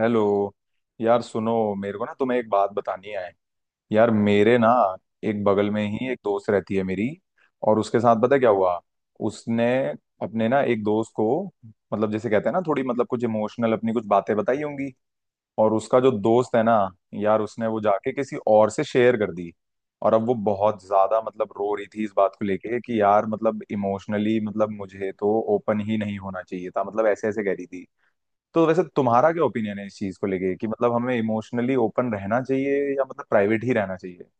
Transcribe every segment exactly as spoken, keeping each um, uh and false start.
Hello. यार सुनो, मेरे को ना तुम्हें एक बात बतानी है। यार मेरे ना एक बगल में ही एक दोस्त रहती है मेरी। और उसके साथ पता है क्या हुआ? उसने अपने ना एक दोस्त को, मतलब जैसे कहते हैं ना, थोड़ी मतलब कुछ इमोशनल अपनी कुछ बातें बताई होंगी। और उसका जो दोस्त है ना, यार उसने वो जाके किसी और से शेयर कर दी। और अब वो बहुत ज्यादा मतलब रो रही थी इस बात को लेके कि यार मतलब इमोशनली मतलब मुझे तो ओपन ही नहीं होना चाहिए था, मतलब ऐसे ऐसे कह रही थी। तो वैसे तुम्हारा क्या ओपिनियन है इस चीज को लेके कि मतलब हमें इमोशनली ओपन रहना चाहिए या मतलब प्राइवेट ही रहना चाहिए?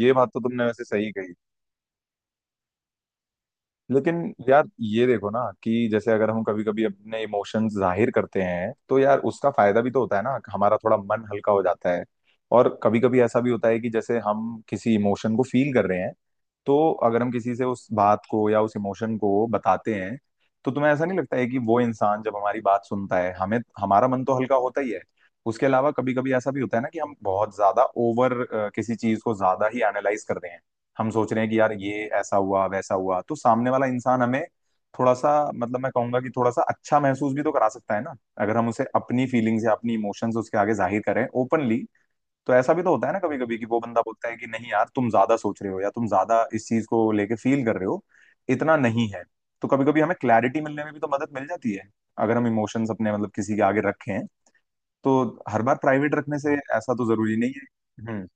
ये बात तो तुमने वैसे सही कही। लेकिन यार ये देखो ना कि जैसे अगर हम कभी कभी अपने इमोशंस जाहिर करते हैं तो यार उसका फायदा भी तो होता है ना, हमारा थोड़ा मन हल्का हो जाता है। और कभी कभी ऐसा भी होता है कि जैसे हम किसी इमोशन को फील कर रहे हैं तो अगर हम किसी से उस बात को या उस इमोशन को बताते हैं तो तुम्हें ऐसा नहीं लगता है कि वो इंसान जब हमारी बात सुनता है, हमें हमारा मन तो हल्का होता ही है। उसके अलावा कभी कभी ऐसा भी होता है ना कि हम बहुत ज्यादा ओवर किसी चीज को ज्यादा ही एनालाइज कर रहे हैं, हम सोच रहे हैं कि यार ये ऐसा हुआ वैसा हुआ तो सामने वाला इंसान हमें थोड़ा सा, मतलब मैं कहूंगा कि थोड़ा सा अच्छा महसूस भी तो करा सकता है ना, अगर हम उसे अपनी फीलिंग्स या अपनी इमोशंस उसके आगे जाहिर करें ओपनली। तो ऐसा भी तो होता है ना कभी कभी कि वो बंदा बोलता है कि नहीं यार तुम ज्यादा सोच रहे हो या तुम ज्यादा इस चीज को लेके फील कर रहे हो, इतना नहीं है। तो कभी कभी हमें क्लैरिटी मिलने में भी तो मदद मिल जाती है अगर हम इमोशंस अपने मतलब किसी के आगे रखें। तो हर बार प्राइवेट रखने से ऐसा तो जरूरी नहीं है। हम्म।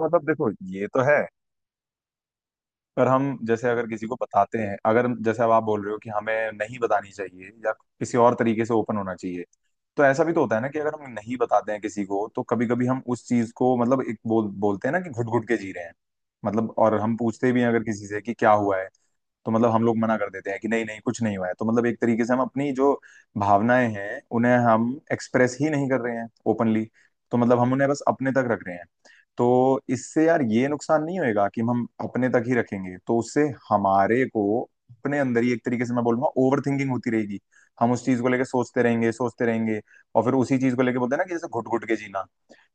मतलब देखो, ये तो है। पर हम जैसे अगर किसी को बताते हैं, अगर हम- जैसे अब आप बोल रहे हो कि हमें नहीं बतानी चाहिए या किसी और तरीके से ओपन होना चाहिए, तो ऐसा भी तो होता है ना कि अगर हम नहीं बताते हैं किसी को तो कभी कभी हम उस चीज को, मतलब एक बोल बोलते हैं ना कि घुट घुट के जी रहे हैं। मतलब और हम पूछते भी हैं अगर किसी से कि क्या हुआ है तो मतलब हम लोग मना कर देते हैं कि नहीं नहीं कुछ नहीं हुआ है, तो मतलब एक तरीके से हम अपनी जो भावनाएं हैं उन्हें हम एक्सप्रेस ही नहीं कर रहे हैं ओपनली। तो मतलब हम उन्हें बस अपने तक रख रहे हैं। तो इससे यार ये नुकसान नहीं होएगा कि हम अपने तक ही रखेंगे तो उससे हमारे को अपने अंदर ही एक तरीके से मैं बोलूंगा ओवर थिंकिंग होती रहेगी। हम उस चीज को लेके सोचते रहेंगे सोचते रहेंगे, और फिर उसी चीज को लेके बोलते हैं ना कि जैसे घुट घुट के जीना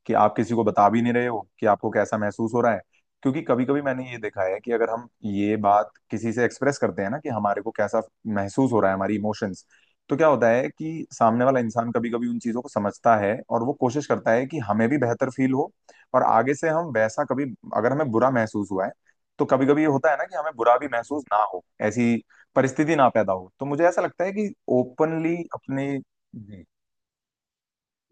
कि आप किसी को बता भी नहीं रहे हो कि आपको कैसा महसूस हो रहा है। क्योंकि कभी कभी मैंने ये देखा है कि अगर हम ये बात किसी से एक्सप्रेस करते हैं ना कि हमारे को कैसा महसूस हो रहा है हमारी इमोशंस, तो क्या होता है कि सामने वाला इंसान कभी कभी उन चीजों को समझता है और वो कोशिश करता है कि हमें भी बेहतर फील हो। और आगे से हम वैसा कभी, अगर हमें बुरा महसूस हुआ है तो कभी कभी ये होता है ना कि हमें बुरा भी महसूस ना हो ऐसी परिस्थिति ना पैदा हो। तो मुझे ऐसा लगता है कि ओपनली अपने। जी।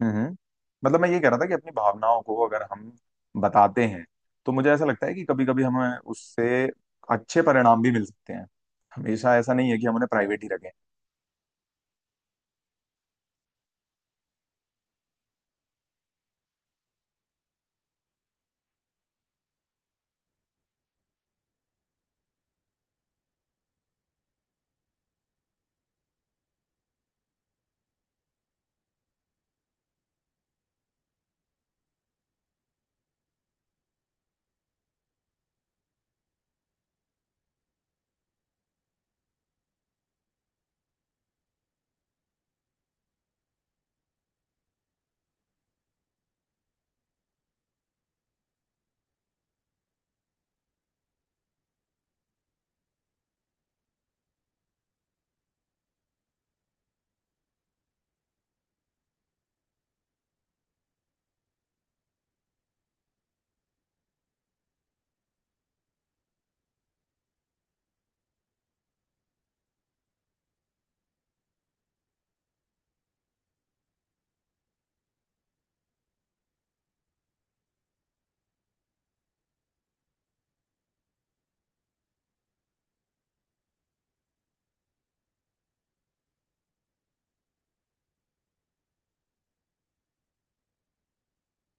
हम्म हम्म। मतलब मैं ये कह रहा था कि अपनी भावनाओं को अगर हम बताते हैं तो मुझे ऐसा लगता है कि कभी कभी हमें उससे अच्छे परिणाम भी मिल सकते हैं, हमेशा ऐसा नहीं है कि हम उन्हें प्राइवेट ही रखें।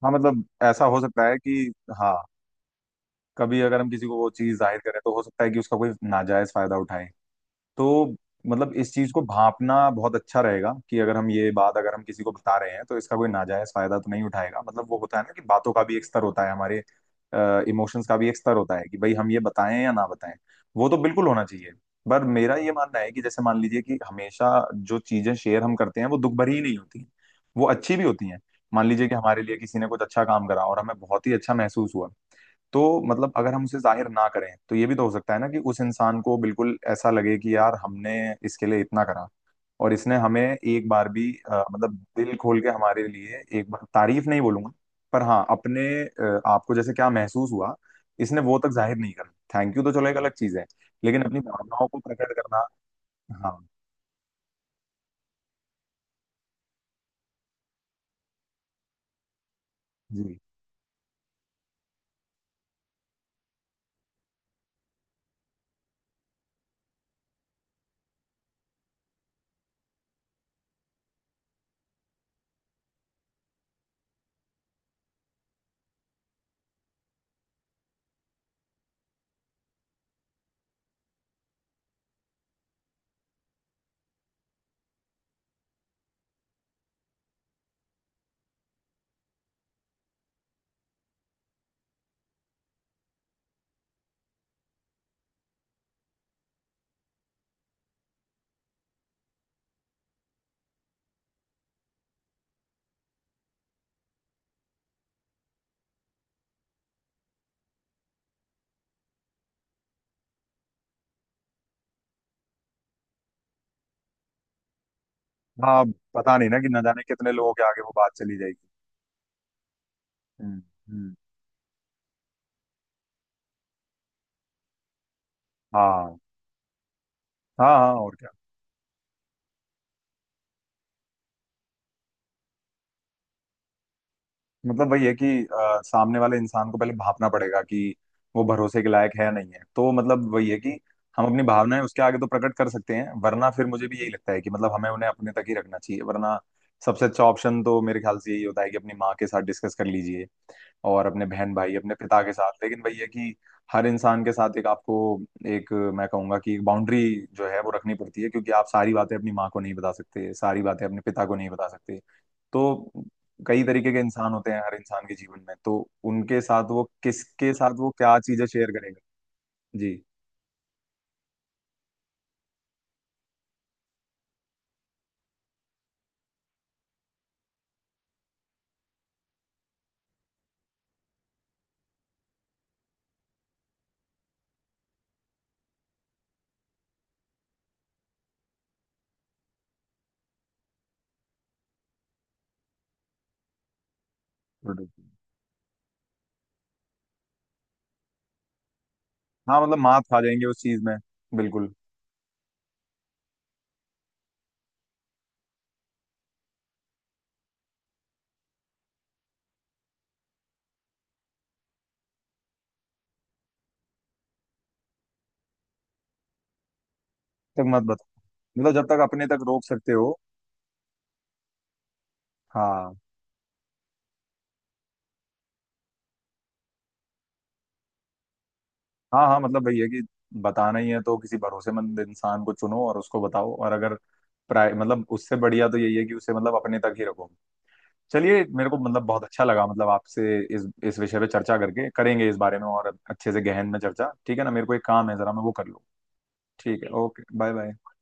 हाँ, मतलब ऐसा हो सकता है कि, हाँ, कभी अगर हम किसी को वो चीज जाहिर करें तो हो सकता है कि उसका कोई नाजायज फायदा उठाए। तो मतलब इस चीज को भांपना बहुत अच्छा रहेगा कि अगर हम ये बात अगर हम किसी को बता रहे हैं तो इसका कोई नाजायज फायदा तो नहीं उठाएगा, मतलब वो होता है ना कि बातों का भी एक स्तर होता है, हमारे इमोशंस का भी एक स्तर होता है कि भाई हम ये बताएं या ना बताएं। वो तो बिल्कुल होना चाहिए। पर मेरा ये मानना है कि जैसे मान लीजिए कि हमेशा जो चीजें शेयर हम करते हैं वो दुख भरी ही नहीं होती, वो अच्छी भी होती हैं। मान लीजिए कि हमारे लिए किसी ने कुछ अच्छा काम करा और हमें बहुत ही अच्छा महसूस हुआ, तो मतलब अगर हम उसे जाहिर ना करें तो ये भी तो हो सकता है ना कि उस इंसान को बिल्कुल ऐसा लगे कि यार हमने इसके लिए इतना करा और इसने हमें एक बार भी अ, मतलब दिल खोल के हमारे लिए एक बार तारीफ नहीं बोलूंगा। पर हाँ अपने अ, आपको जैसे क्या महसूस हुआ, इसने वो तक जाहिर नहीं करा, थैंक यू तो चलो एक अलग चीज है, लेकिन अपनी भावनाओं को प्रकट करना। हाँ। जी। हाँ, अब पता नहीं ना कि न जाने कितने लोगों के आगे वो बात चली जाएगी। हम्म हम्म। हाँ हाँ हाँ और क्या। मतलब वही है कि अ, सामने वाले इंसान को पहले भापना पड़ेगा कि वो भरोसे के लायक है या नहीं है, तो मतलब वही है कि हम अपनी भावनाएं उसके आगे तो प्रकट कर सकते हैं, वरना फिर मुझे भी यही लगता है कि मतलब हमें उन्हें अपने तक ही रखना चाहिए। वरना सबसे अच्छा ऑप्शन तो मेरे ख्याल से यही होता है कि अपनी माँ के साथ डिस्कस कर लीजिए और अपने बहन भाई अपने पिता के साथ। लेकिन वही है कि हर इंसान के साथ एक आपको, एक मैं कहूंगा कि बाउंड्री जो है वो रखनी पड़ती है, क्योंकि आप सारी बातें अपनी माँ को नहीं बता सकते, सारी बातें अपने पिता को नहीं बता सकते। तो कई तरीके के इंसान होते हैं हर इंसान के जीवन में, तो उनके साथ वो किसके साथ वो क्या चीजें शेयर करेगा। जी। बिल्कुल। हाँ, मतलब मात खा जाएंगे उस चीज में। बिल्कुल। तक मत बताओ, मतलब जब तक अपने तक रोक सकते हो। हाँ। हाँ हाँ। मतलब वही है कि बताना ही है तो किसी भरोसेमंद इंसान को चुनो और उसको बताओ, और अगर प्राय मतलब उससे बढ़िया तो यही है कि उसे मतलब अपने तक ही रखो। चलिए, मेरे को मतलब बहुत अच्छा लगा, मतलब आपसे इस इस विषय पे चर्चा करके। करेंगे इस बारे में और अच्छे से गहन में चर्चा, ठीक है ना? मेरे को एक काम है, जरा मैं वो कर लूँ। ठीक है, ओके, बाय बाय।